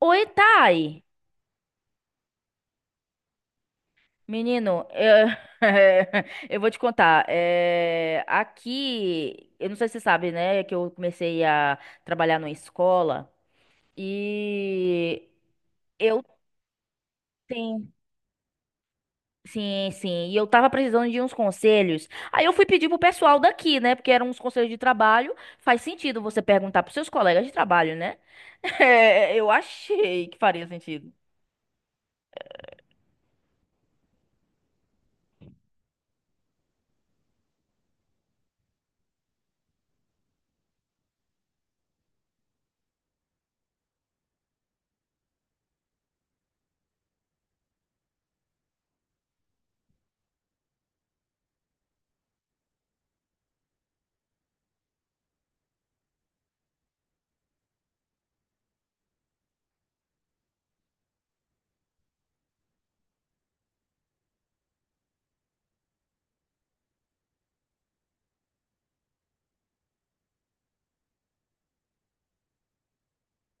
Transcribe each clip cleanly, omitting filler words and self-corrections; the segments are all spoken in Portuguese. Oi, Thay. Menino, eu, eu vou te contar. Aqui, eu não sei se você sabe, né, que eu comecei a trabalhar numa escola e eu tenho. Sim, sim. E eu tava precisando de uns conselhos. Aí eu fui pedir pro pessoal daqui, né? Porque eram uns conselhos de trabalho. Faz sentido você perguntar pros seus colegas de trabalho, né? Eu achei que faria sentido.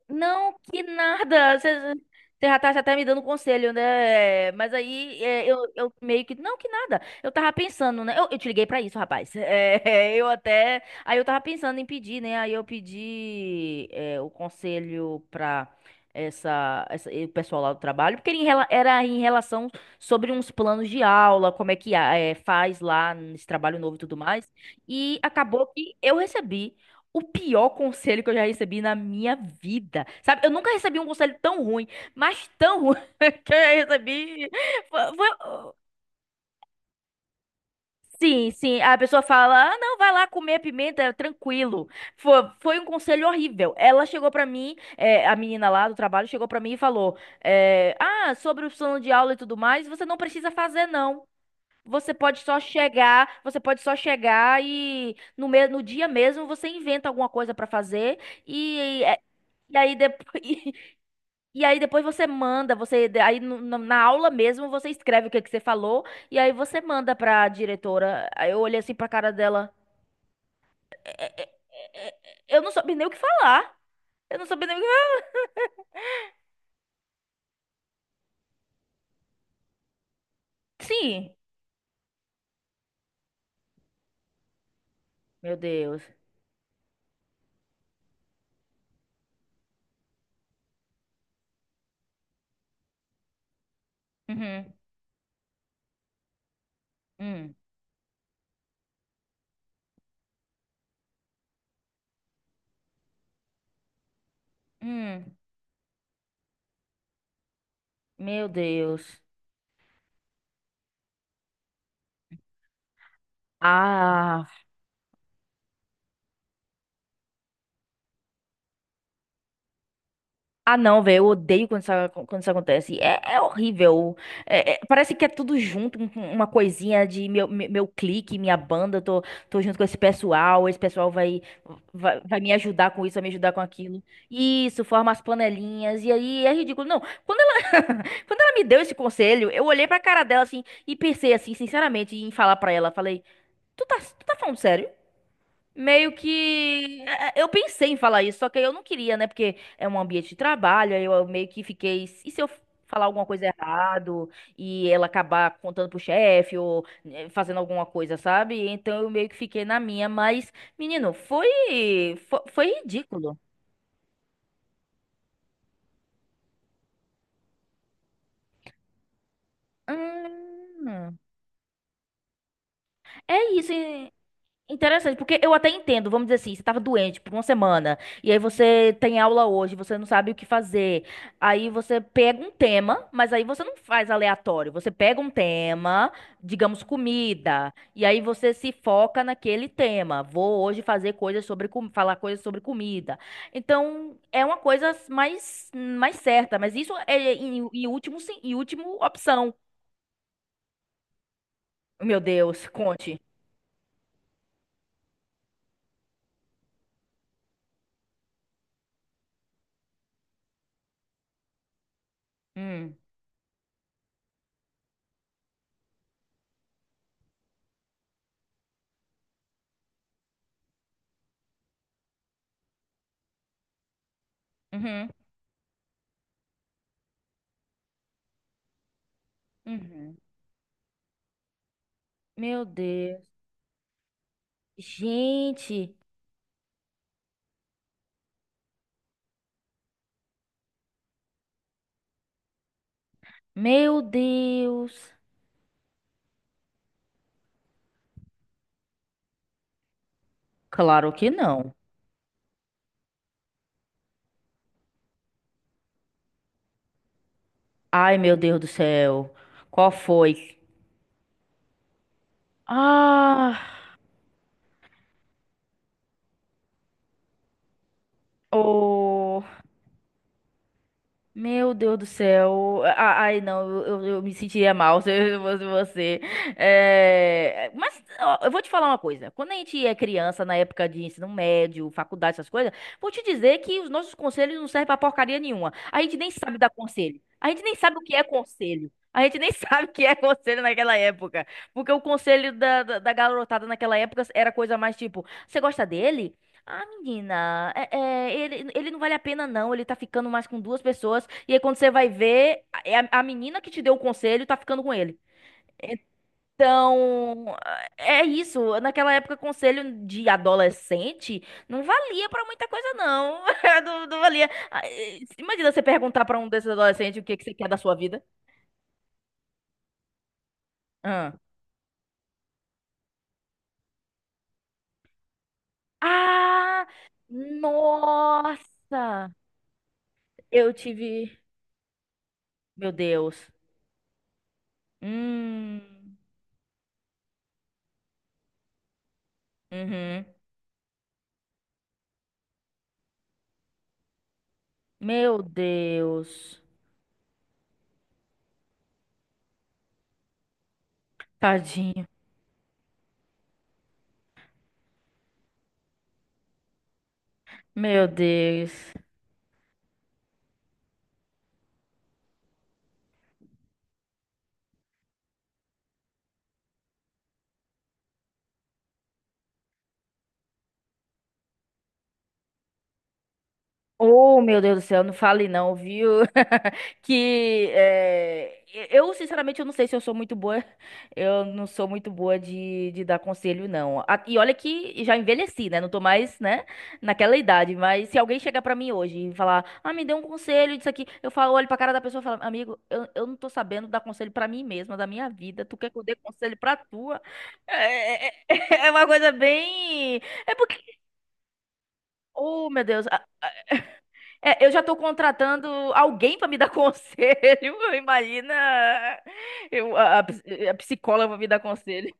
Não, que nada. Você já tá me dando conselho, né? Mas aí é, eu meio que. Não, que nada. Eu tava pensando, né? Eu te liguei pra isso, rapaz. É, eu até. Aí eu tava pensando em pedir, né? Aí eu pedi o conselho pra o pessoal lá do trabalho, porque era em relação sobre uns planos de aula, como é que faz lá nesse trabalho novo e tudo mais. E acabou que eu recebi o pior conselho que eu já recebi na minha vida. Sabe, eu nunca recebi um conselho tão ruim, mas tão ruim que eu já recebi. Foi- foi- Sim, sim. A pessoa fala: ah, não, vai lá comer pimenta, é tranquilo. Foi um conselho horrível. Ela chegou pra mim, a menina lá do trabalho chegou pra mim e falou: sobre o plano de aula e tudo mais, você não precisa fazer, não. Você pode só chegar e no dia mesmo você inventa alguma coisa pra fazer. E e aí, depois, e, aí depois você manda, você aí na aula mesmo você escreve o que que você falou e aí você manda pra diretora. Aí eu olhei assim pra cara dela. Eu não soube nem o que falar. Eu não soube nem o que falar. Sim. Meu Deus. Uhum. Hum. Hum. Meu Deus. Ah, ah, não, velho, eu odeio quando isso acontece. É, é horrível. Parece que é tudo junto, uma coisinha de meu clique, minha banda, tô, tô junto com esse pessoal vai me ajudar com isso, vai me ajudar com aquilo. Isso, forma as panelinhas, e aí é ridículo. Não, quando ela, quando ela me deu esse conselho, eu olhei pra cara dela assim e pensei assim, sinceramente, em falar pra ela, falei, tu tá falando sério? Meio que é, é, eu pensei em falar isso, só que eu não queria, né? Porque é um ambiente de trabalho, aí eu meio que fiquei, e se eu falar alguma coisa errado e ela acabar contando pro chefe ou fazendo alguma coisa, sabe? Então eu meio que fiquei na minha, mas menino, foi ridículo. Hum, é isso. Interessante, porque eu até entendo, vamos dizer assim, você estava doente por uma semana, e aí você tem aula hoje, você não sabe o que fazer. Aí você pega um tema, mas aí você não faz aleatório, você pega um tema, digamos comida, e aí você se foca naquele tema. Vou hoje fazer coisas sobre, falar coisas sobre comida. Então, é uma coisa mais, mais certa, mas isso é em, em último, sim, em último opção. Meu Deus, conte. Hum, uhum, uhum. Meu Deus. Gente, meu Deus. Claro que não. Ai, meu Deus do céu. Qual foi? Ah, oh. Meu Deus do céu. Ah, ai, não, eu me sentiria mal se eu fosse você. É, mas ó, eu vou te falar uma coisa. Quando a gente é criança, na época de ensino médio, faculdade, essas coisas, vou te dizer que os nossos conselhos não servem pra porcaria nenhuma. A gente nem sabe dar conselho. A gente nem sabe o que é conselho. A gente nem sabe o que é conselho naquela época. Porque o conselho da garotada naquela época era coisa mais tipo: você gosta dele? Ah, menina, é, ele não vale a pena, não. Ele tá ficando mais com duas pessoas. E aí, quando você vai ver, é a menina que te deu o conselho tá ficando com ele. Então, é isso. Naquela época, conselho de adolescente não valia pra muita coisa, não. Não, não valia. Imagina você perguntar pra um desses adolescentes o que que você quer da sua vida. Ah, ah, nossa! Eu tive. Meu Deus. Hum. Uhum. Meu Deus. Tadinho. Meu Deus. Oh, meu Deus do céu, não fale não, viu? Que é, eu, sinceramente, eu não sei se eu sou muito boa. Eu não sou muito boa de dar conselho, não. E olha que já envelheci, né? Não tô mais, né, naquela idade. Mas se alguém chegar pra mim hoje e falar, ah, me dê um conselho disso aqui, eu falo, olho pra cara da pessoa e falo, amigo, eu não tô sabendo dar conselho pra mim mesma, da minha vida. Tu quer que eu dê conselho pra tua? É é uma coisa bem. É porque. Oh, meu Deus. É, eu já estou contratando alguém para me dar conselho. Imagina eu, a psicóloga pra me dar conselho.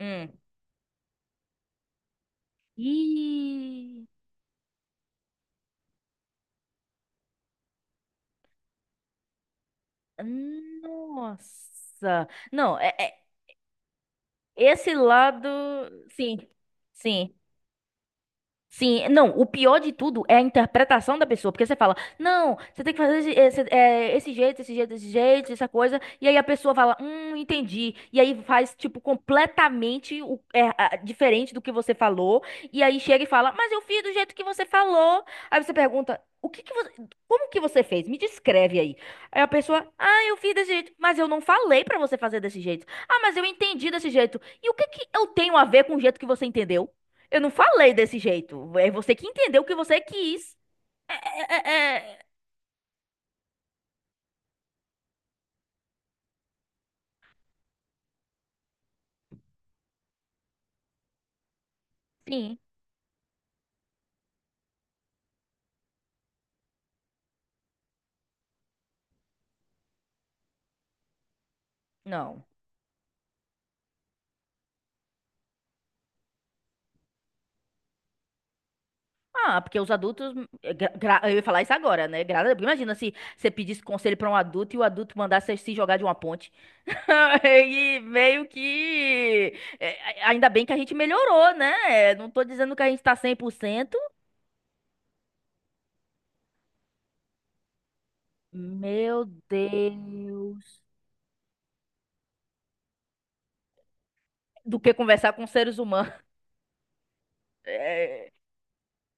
Hum. Ih, nossa. Não, é, é- Esse lado, sim, sim. Sim, não, o pior de tudo é a interpretação da pessoa, porque você fala, não, você tem que fazer esse jeito, esse jeito, esse jeito, essa coisa, e aí a pessoa fala, entendi, e aí faz, tipo, completamente diferente do que você falou, e aí chega e fala, mas eu fiz do jeito que você falou, aí você pergunta, o que que você, como que você fez? Me descreve aí. Aí a pessoa, ah, eu fiz desse jeito, mas eu não falei pra você fazer desse jeito, ah, mas eu entendi desse jeito, e o que que eu tenho a ver com o jeito que você entendeu? Eu não falei desse jeito. É você que entendeu o que você quis. É, é, é, Sim. Não. Ah, porque os adultos. Eu ia falar isso agora, né? Imagina se você pedisse conselho pra um adulto e o adulto mandasse você se jogar de uma ponte. E meio que. Ainda bem que a gente melhorou, né? Não tô dizendo que a gente tá cem por cento. Meu Deus. Do que conversar com seres humanos. É,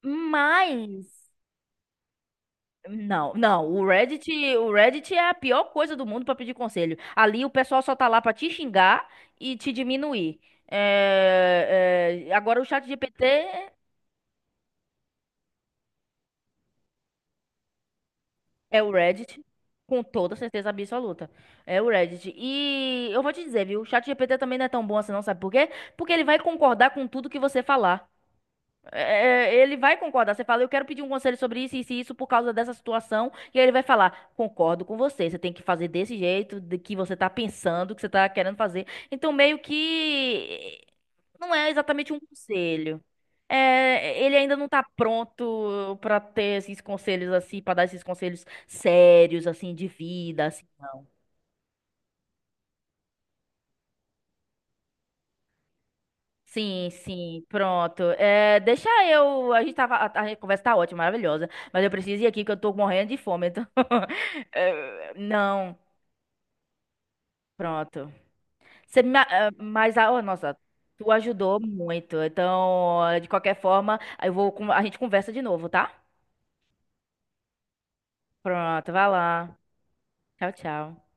mas. Não, não, o Reddit é a pior coisa do mundo pra pedir conselho. Ali o pessoal só tá lá pra te xingar e te diminuir. Agora o chat GPT é o Reddit, com toda certeza absoluta. É o Reddit. E eu vou te dizer, viu? O chat GPT também não é tão bom assim, não, sabe por quê? Porque ele vai concordar com tudo que você falar. É, ele vai concordar. Você fala, eu quero pedir um conselho sobre isso, isso e isso por causa dessa situação. E aí ele vai falar, concordo com você. Você tem que fazer desse jeito de que você tá pensando, que você tá querendo fazer. Então, meio que não é exatamente um conselho. É, ele ainda não tá pronto pra ter esses conselhos assim, pra dar esses conselhos sérios assim de vida, assim, sim, sim, pronto. É, deixa eu. A gente tava. A conversa tá ótima, maravilhosa. Mas eu preciso ir aqui que eu tô morrendo de fome. Então. Não, pronto. Você me, ah, mas, a, oh, nossa, tu ajudou muito. Então, de qualquer forma, eu vou, a gente conversa de novo, tá? Pronto, vai lá. Tchau, tchau.